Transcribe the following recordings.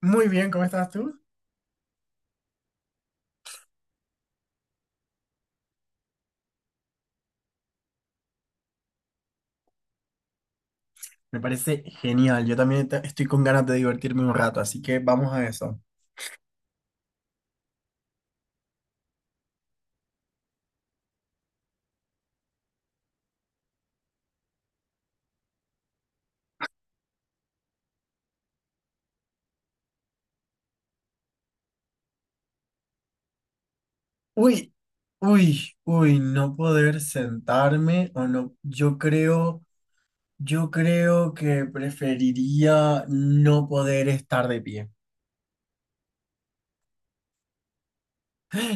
Muy bien, ¿cómo estás tú? Me parece genial. Yo también estoy con ganas de divertirme un rato, así que vamos a eso. Uy, uy, uy, no poder sentarme o no. Yo creo que preferiría no poder estar de pie.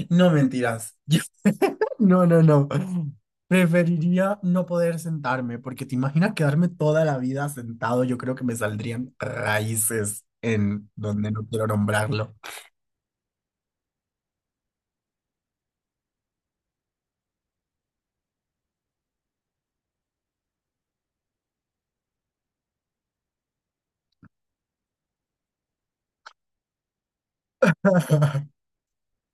No mentiras. No, no, no. Preferiría no poder sentarme, porque te imaginas quedarme toda la vida sentado. Yo creo que me saldrían raíces en donde no quiero nombrarlo.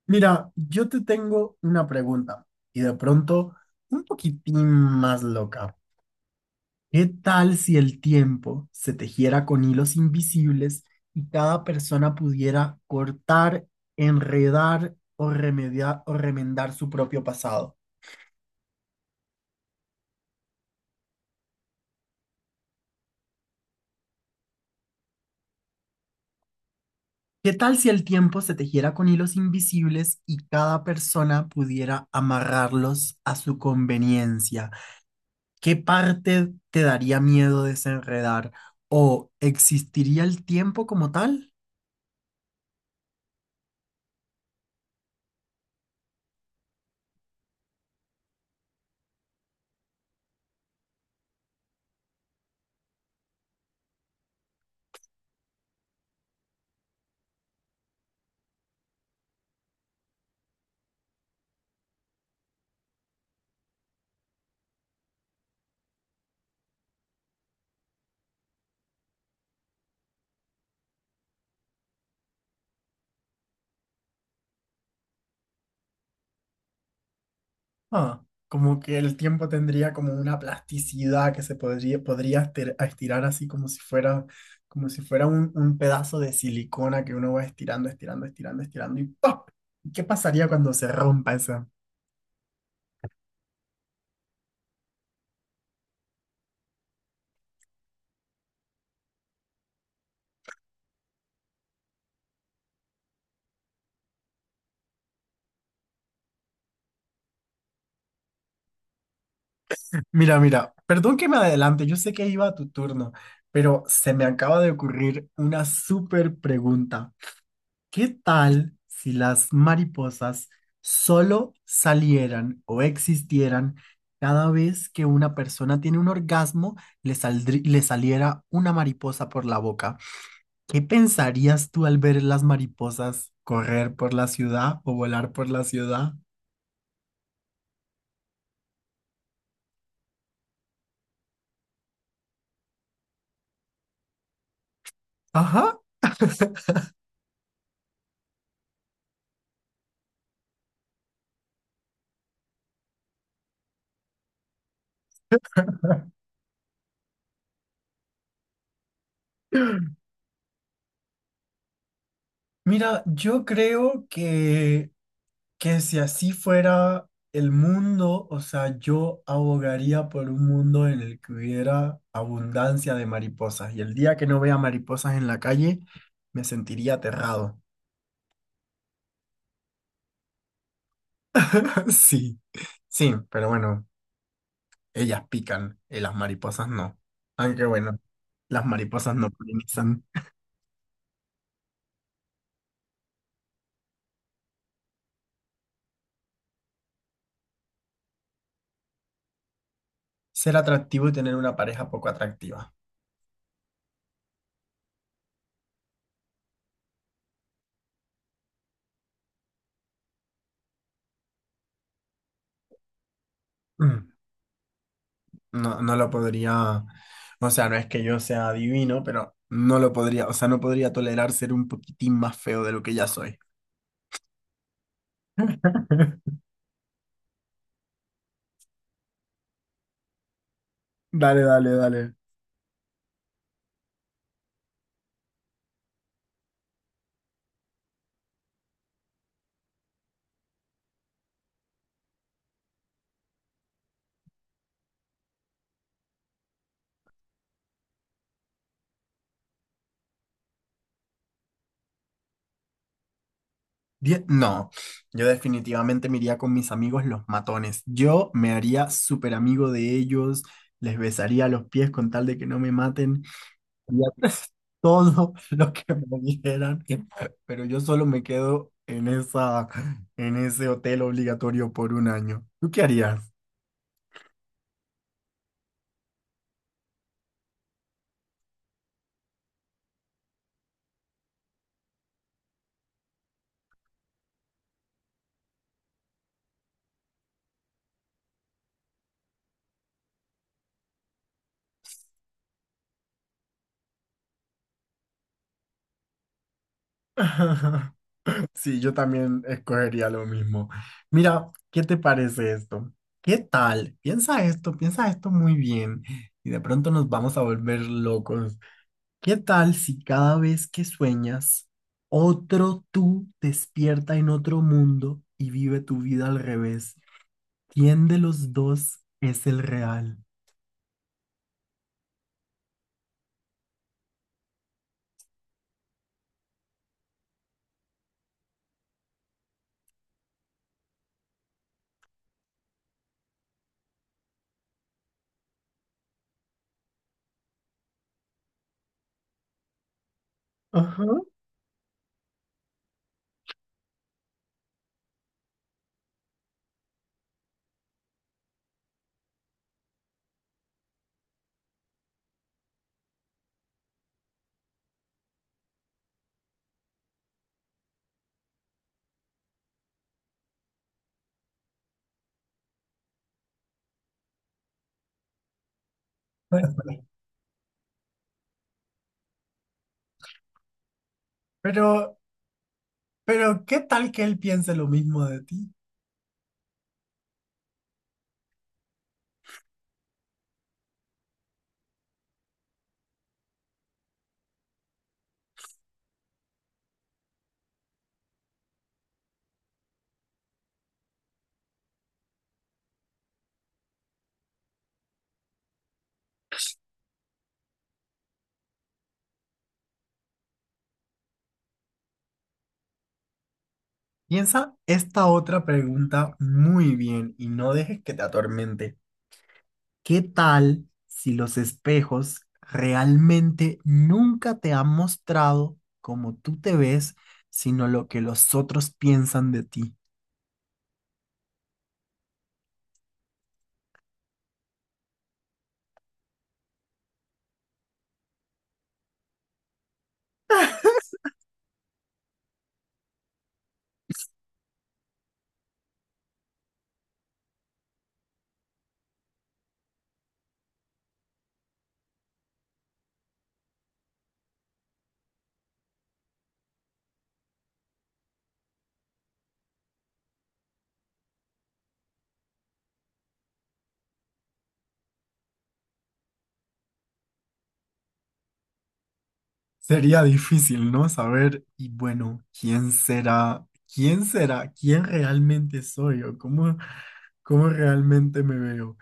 Mira, yo te tengo una pregunta y de pronto un poquitín más loca. ¿Qué tal si el tiempo se tejiera con hilos invisibles y cada persona pudiera cortar, enredar o remediar o remendar su propio pasado? ¿Qué tal si el tiempo se tejiera con hilos invisibles y cada persona pudiera amarrarlos a su conveniencia? ¿Qué parte te daría miedo desenredar? ¿O existiría el tiempo como tal? Ah, como que el tiempo tendría como una plasticidad que se podría estirar así como si fuera un pedazo de silicona que uno va estirando, estirando, estirando, estirando y ¡pop! ¿Qué pasaría cuando se rompa esa? Mira, mira, perdón que me adelante, yo sé que iba a tu turno, pero se me acaba de ocurrir una súper pregunta. ¿Qué tal si las mariposas solo salieran o existieran cada vez que una persona tiene un orgasmo, le saliera una mariposa por la boca? ¿Qué pensarías tú al ver las mariposas correr por la ciudad o volar por la ciudad? Ajá. Mira, yo creo que si así fuera el mundo, o sea, yo abogaría por un mundo en el que hubiera abundancia de mariposas. Y el día que no vea mariposas en la calle, me sentiría aterrado. Sí, sí, pero bueno, ellas pican y las mariposas no. Aunque bueno, las mariposas no polinizan. Ser atractivo y tener una pareja poco atractiva. Mm. No, no lo podría, o sea, no es que yo sea divino, pero no lo podría, o sea, no podría tolerar ser un poquitín más feo de lo que ya soy. Dale, dale, dale. No, yo definitivamente me iría con mis amigos los matones. Yo me haría súper amigo de ellos, les besaría los pies con tal de que no me maten, haría todo lo que me dijeran, pero yo solo me quedo en esa, en ese hotel obligatorio por un año. ¿Tú qué harías? Sí, yo también escogería lo mismo. Mira, ¿qué te parece esto? ¿Qué tal? Piensa esto muy bien y de pronto nos vamos a volver locos. ¿Qué tal si cada vez que sueñas, otro tú despierta en otro mundo y vive tu vida al revés? ¿Quién de los dos es el real? Ajá. Pero, pero, ¿qué tal que él piense lo mismo de ti? Piensa esta otra pregunta muy bien y no dejes que te atormente. ¿Qué tal si los espejos realmente nunca te han mostrado cómo tú te ves, sino lo que los otros piensan de ti? Sería difícil, ¿no? Saber, y bueno, ¿quién será? ¿Quién será? ¿Quién realmente soy? ¿O cómo, cómo realmente me veo?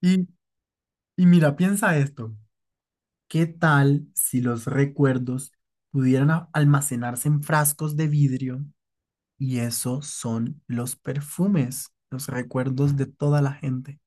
Y, y mira, piensa esto. ¿Qué tal si los recuerdos pudieran almacenarse en frascos de vidrio? Y eso son los perfumes, los recuerdos de toda la gente.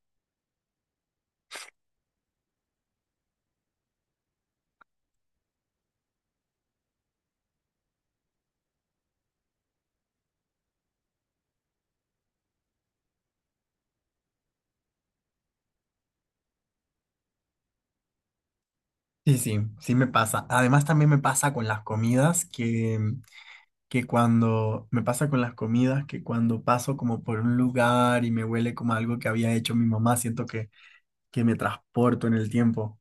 Sí, sí, sí me pasa. Además también me pasa con las comidas que cuando me pasa con las comidas que cuando paso como por un lugar y me huele como algo que había hecho mi mamá, siento que me transporto en el tiempo.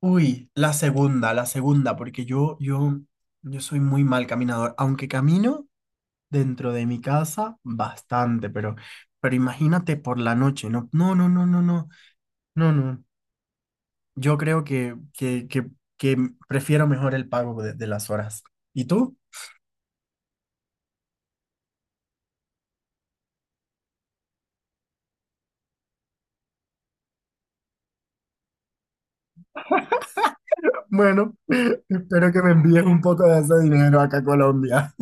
Uy, la segunda, porque yo soy muy mal caminador, aunque camino. Dentro de mi casa bastante, pero imagínate por la noche, no, no, no, no, no, no, no, no. Yo creo que prefiero mejor el pago de las horas. ¿Y tú? Bueno, espero que me envíes un poco de ese dinero acá a Colombia.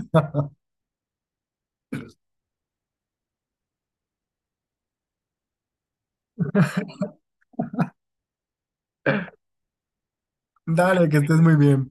Dale, que estés muy bien.